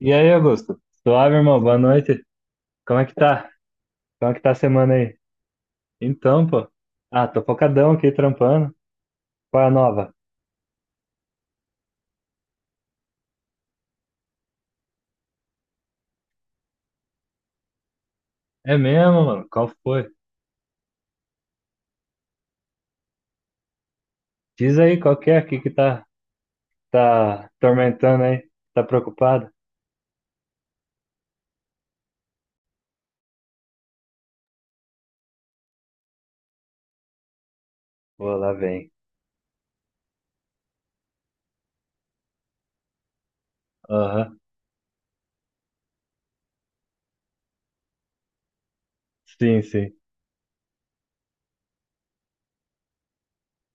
E aí, Augusto? Suave, irmão. Boa noite. Como é que tá? Como é que tá a semana aí? Então, pô. Ah, tô focadão aqui, trampando. Qual é a nova? É mesmo, mano? Qual foi? Diz aí qual que é aqui que tá, tá tormentando aí. Tá preocupado? Pô, lá vem. Aham. Sim, sim.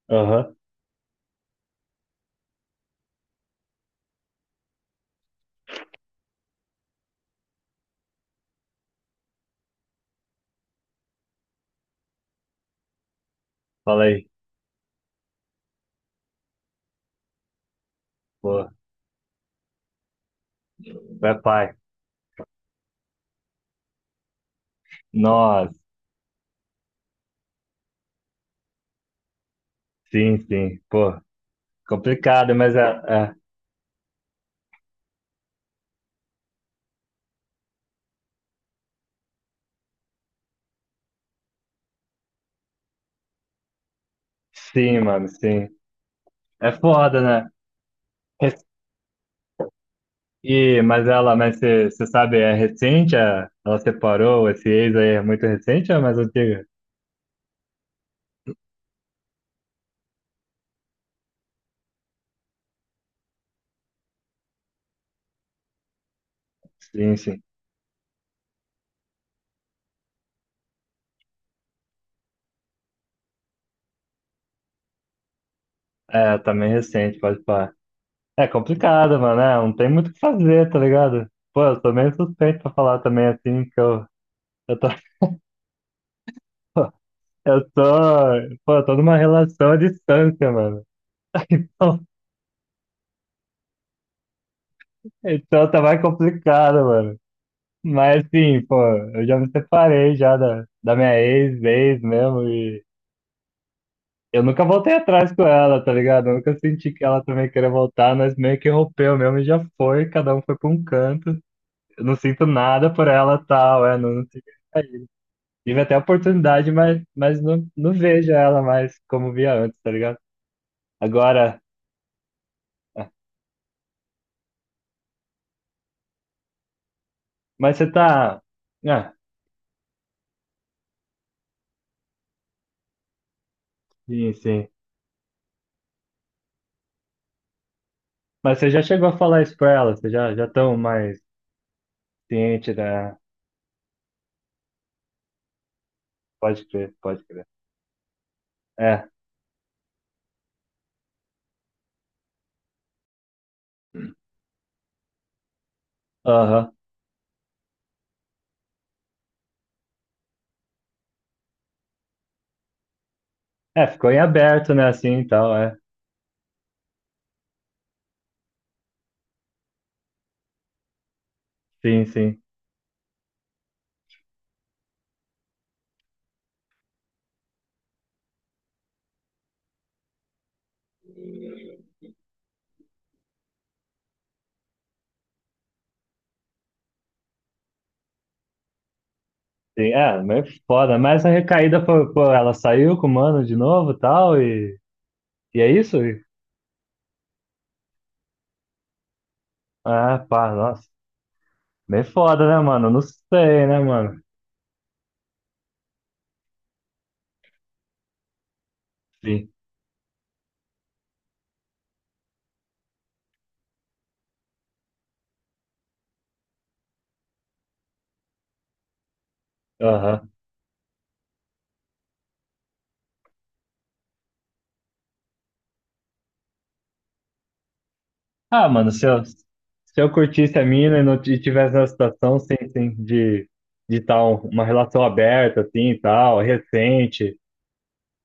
Aham. Fala aí. Pô, vai, pai. Nós. Sim, sim. Pô, complicado, mas é. Sim, mano, sim. É foda, né? Mas ela, mas você sabe, é recente? Ela separou, esse ex aí é muito recente ou é mais antiga? Sim, sim. É, também recente, pode falar. É complicado, mano, é, não tem muito o que fazer, tá ligado? Pô, eu sou meio suspeito pra falar também assim, que eu tô, eu tô, pô, eu tô numa relação à distância, mano. Então, então tá mais complicado, mano. Mas assim, pô, eu já me separei já da minha ex, ex mesmo, eu nunca voltei atrás com ela, tá ligado? Eu nunca senti que ela também queria voltar, nós meio que rompeu mesmo e já foi, cada um foi pra um canto. Eu não sinto nada por ela tal, é, não tive, tive até a oportunidade, mas não, não vejo ela mais como via antes, tá ligado? Agora, ah, mas você tá. Ah, Sim, sim. Mas você já chegou a falar isso pra ela, já tão mais ciente, né? Pode crer, pode crer. É, aham. É, ficou em aberto, né, assim e tal, é. Sim, sim. Sim, é, meio foda. Mas a recaída foi, pô, ela saiu com o mano de novo e tal, é isso? Ah, pá, nossa. Meio foda, né, mano? Não sei, né, mano? Sim. Aham. Ah, mano, se eu curtisse a mina e não t- e tivesse na situação, sim, sim, de tal, uma relação aberta, assim, e tal, recente,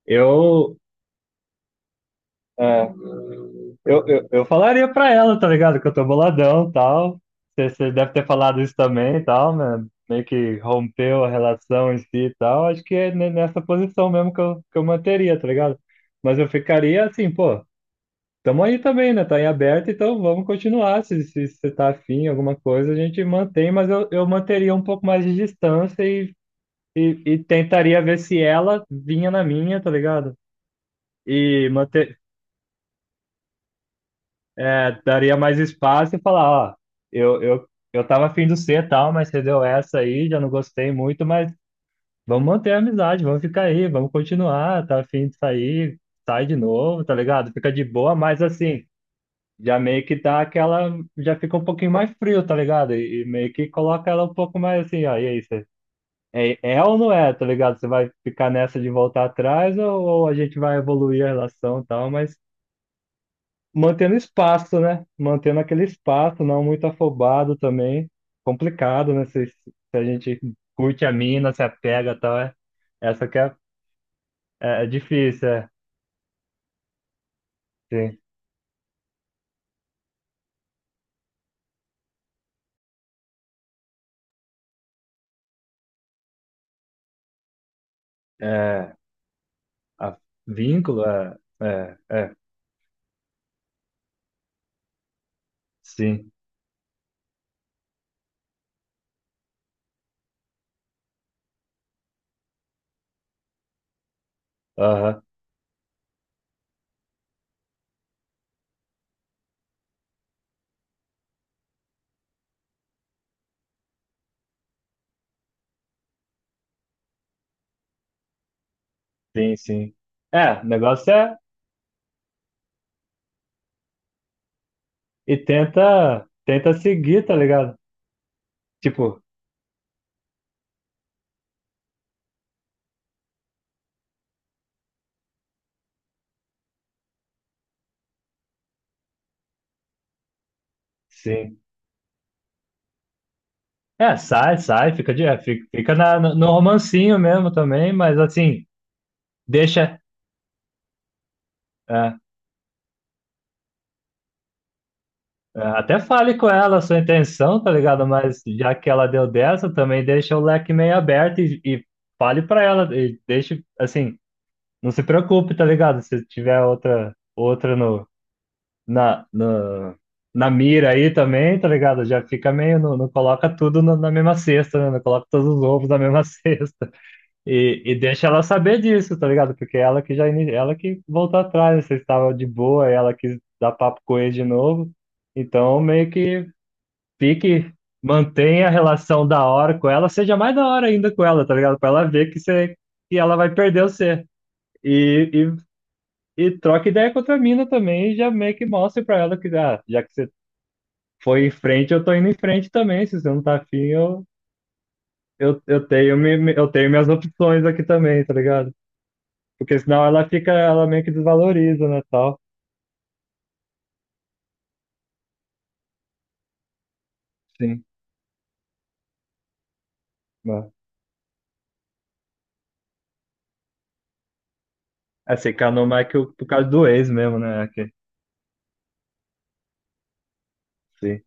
eu, é, eu falaria pra ela, tá ligado? Que eu tô boladão e tal. Você deve ter falado isso também e tal, né? Meio que rompeu a relação em si e tal. Acho que é nessa posição mesmo que eu manteria, tá ligado? Mas eu ficaria assim, pô, tamo aí também, né? Tá em aberto, então vamos continuar. Se você tá afim, alguma coisa, a gente mantém, mas eu manteria um pouco mais de distância e tentaria ver se ela vinha na minha, tá ligado? E manter, é, daria mais espaço e falar, ó, eu tava afim do C e tal, mas você deu essa aí, já não gostei muito, mas vamos manter a amizade, vamos ficar aí, vamos continuar, tá afim de sair, sai de novo, tá ligado? Fica de boa, mas assim, já meio que dá aquela, já fica um pouquinho mais frio, tá ligado? Meio que coloca ela um pouco mais assim, ó, e aí, você, é, é ou não é, tá ligado? Você vai ficar nessa de voltar atrás ou a gente vai evoluir a relação e tal, mas mantendo espaço, né? Mantendo aquele espaço, não muito afobado também. Complicado, né? Se a gente curte a mina, se apega e tal, é, essa que é, é, é difícil, é, sim. É, a vínculo, é, é, é, sim. Aham, sim, sim. É, o negócio é, e tenta, tenta seguir, tá ligado? Tipo, sim. É, sai, sai, fica, de, é, fica, fica na, no no romancinho mesmo também, mas assim, deixa. É. É, até fale com ela a sua intenção, tá ligado? Mas já que ela deu dessa, também deixa o leque meio aberto e fale pra ela. E deixe, assim, não se preocupe, tá ligado? Se tiver outra no, na, no, na mira aí também, tá ligado? Já fica meio. Não coloca tudo na mesma cesta, né? Não coloca todos os ovos na mesma cesta. Deixa ela saber disso, tá ligado? Porque ela que já. Ela que voltou atrás, né? Vocês estavam de boa, ela quis dar papo com ele de novo. Então, meio que fique, mantenha a relação da hora com ela, seja mais da hora ainda com ela, tá ligado? Pra ela ver que você, que ela vai perder você. E, e troca ideia com a mina também, e já meio que mostre pra ela que, ah, já que você foi em frente, eu tô indo em frente também. Se você não tá afim, eu tenho, eu tenho minhas opções aqui também, tá ligado? Porque senão ela fica, ela meio que desvaloriza, né, tal. Sim. Mas, assim, Kanomai que por causa do ex mesmo, né? Sim.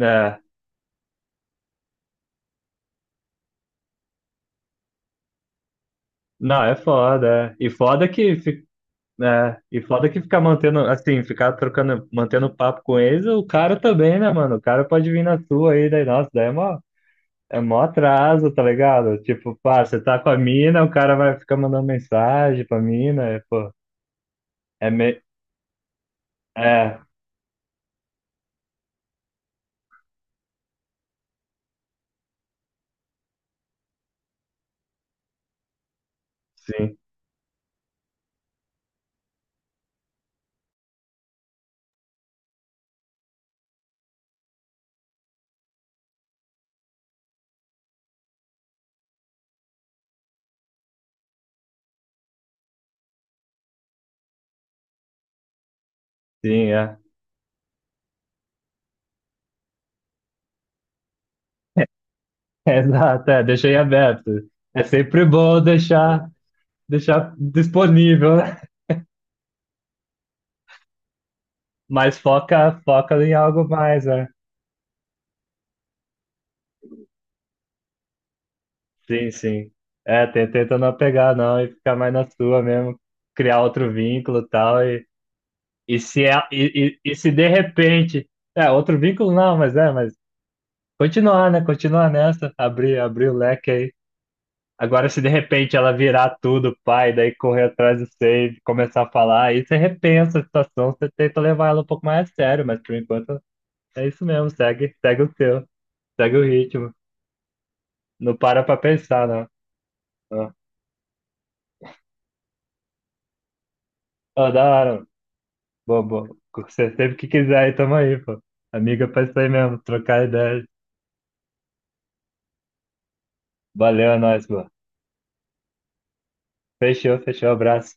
É. Não, é foda. É. E foda que fica né? E foda que ficar mantendo, assim, ficar trocando, mantendo papo com eles, o cara também, né, mano? O cara pode vir na sua aí, daí, nossa, daí é mó atraso, tá ligado? Tipo, pá, você tá com a mina, o cara vai ficar mandando mensagem pra mina, é, pô, é me... É, sim, sim, é. Exato, é, deixei aberto. É sempre bom deixar, deixar disponível, né? Mas foca, foca em algo mais, né? Sim, sim. É, tenta não pegar não e ficar mais na sua mesmo, criar outro vínculo e tal, e se de repente, é, outro vínculo não, mas é, mas continuar, né, continuar nessa, abrir, abrir o leque aí. Agora, se de repente ela virar tudo, pai, daí correr atrás do save, começar a falar, aí você repensa a situação, você tenta levar ela um pouco mais a sério, mas por enquanto é isso mesmo, segue, segue o seu, segue o ritmo, não para pra pensar, não. Ah, ah, da hora, bom, bom. Você sempre que quiser, aí tamo aí, pô. Amiga, pra isso aí mesmo, trocar ideia. Valeu, é nóis, pô. Fechou, fechou, abraço.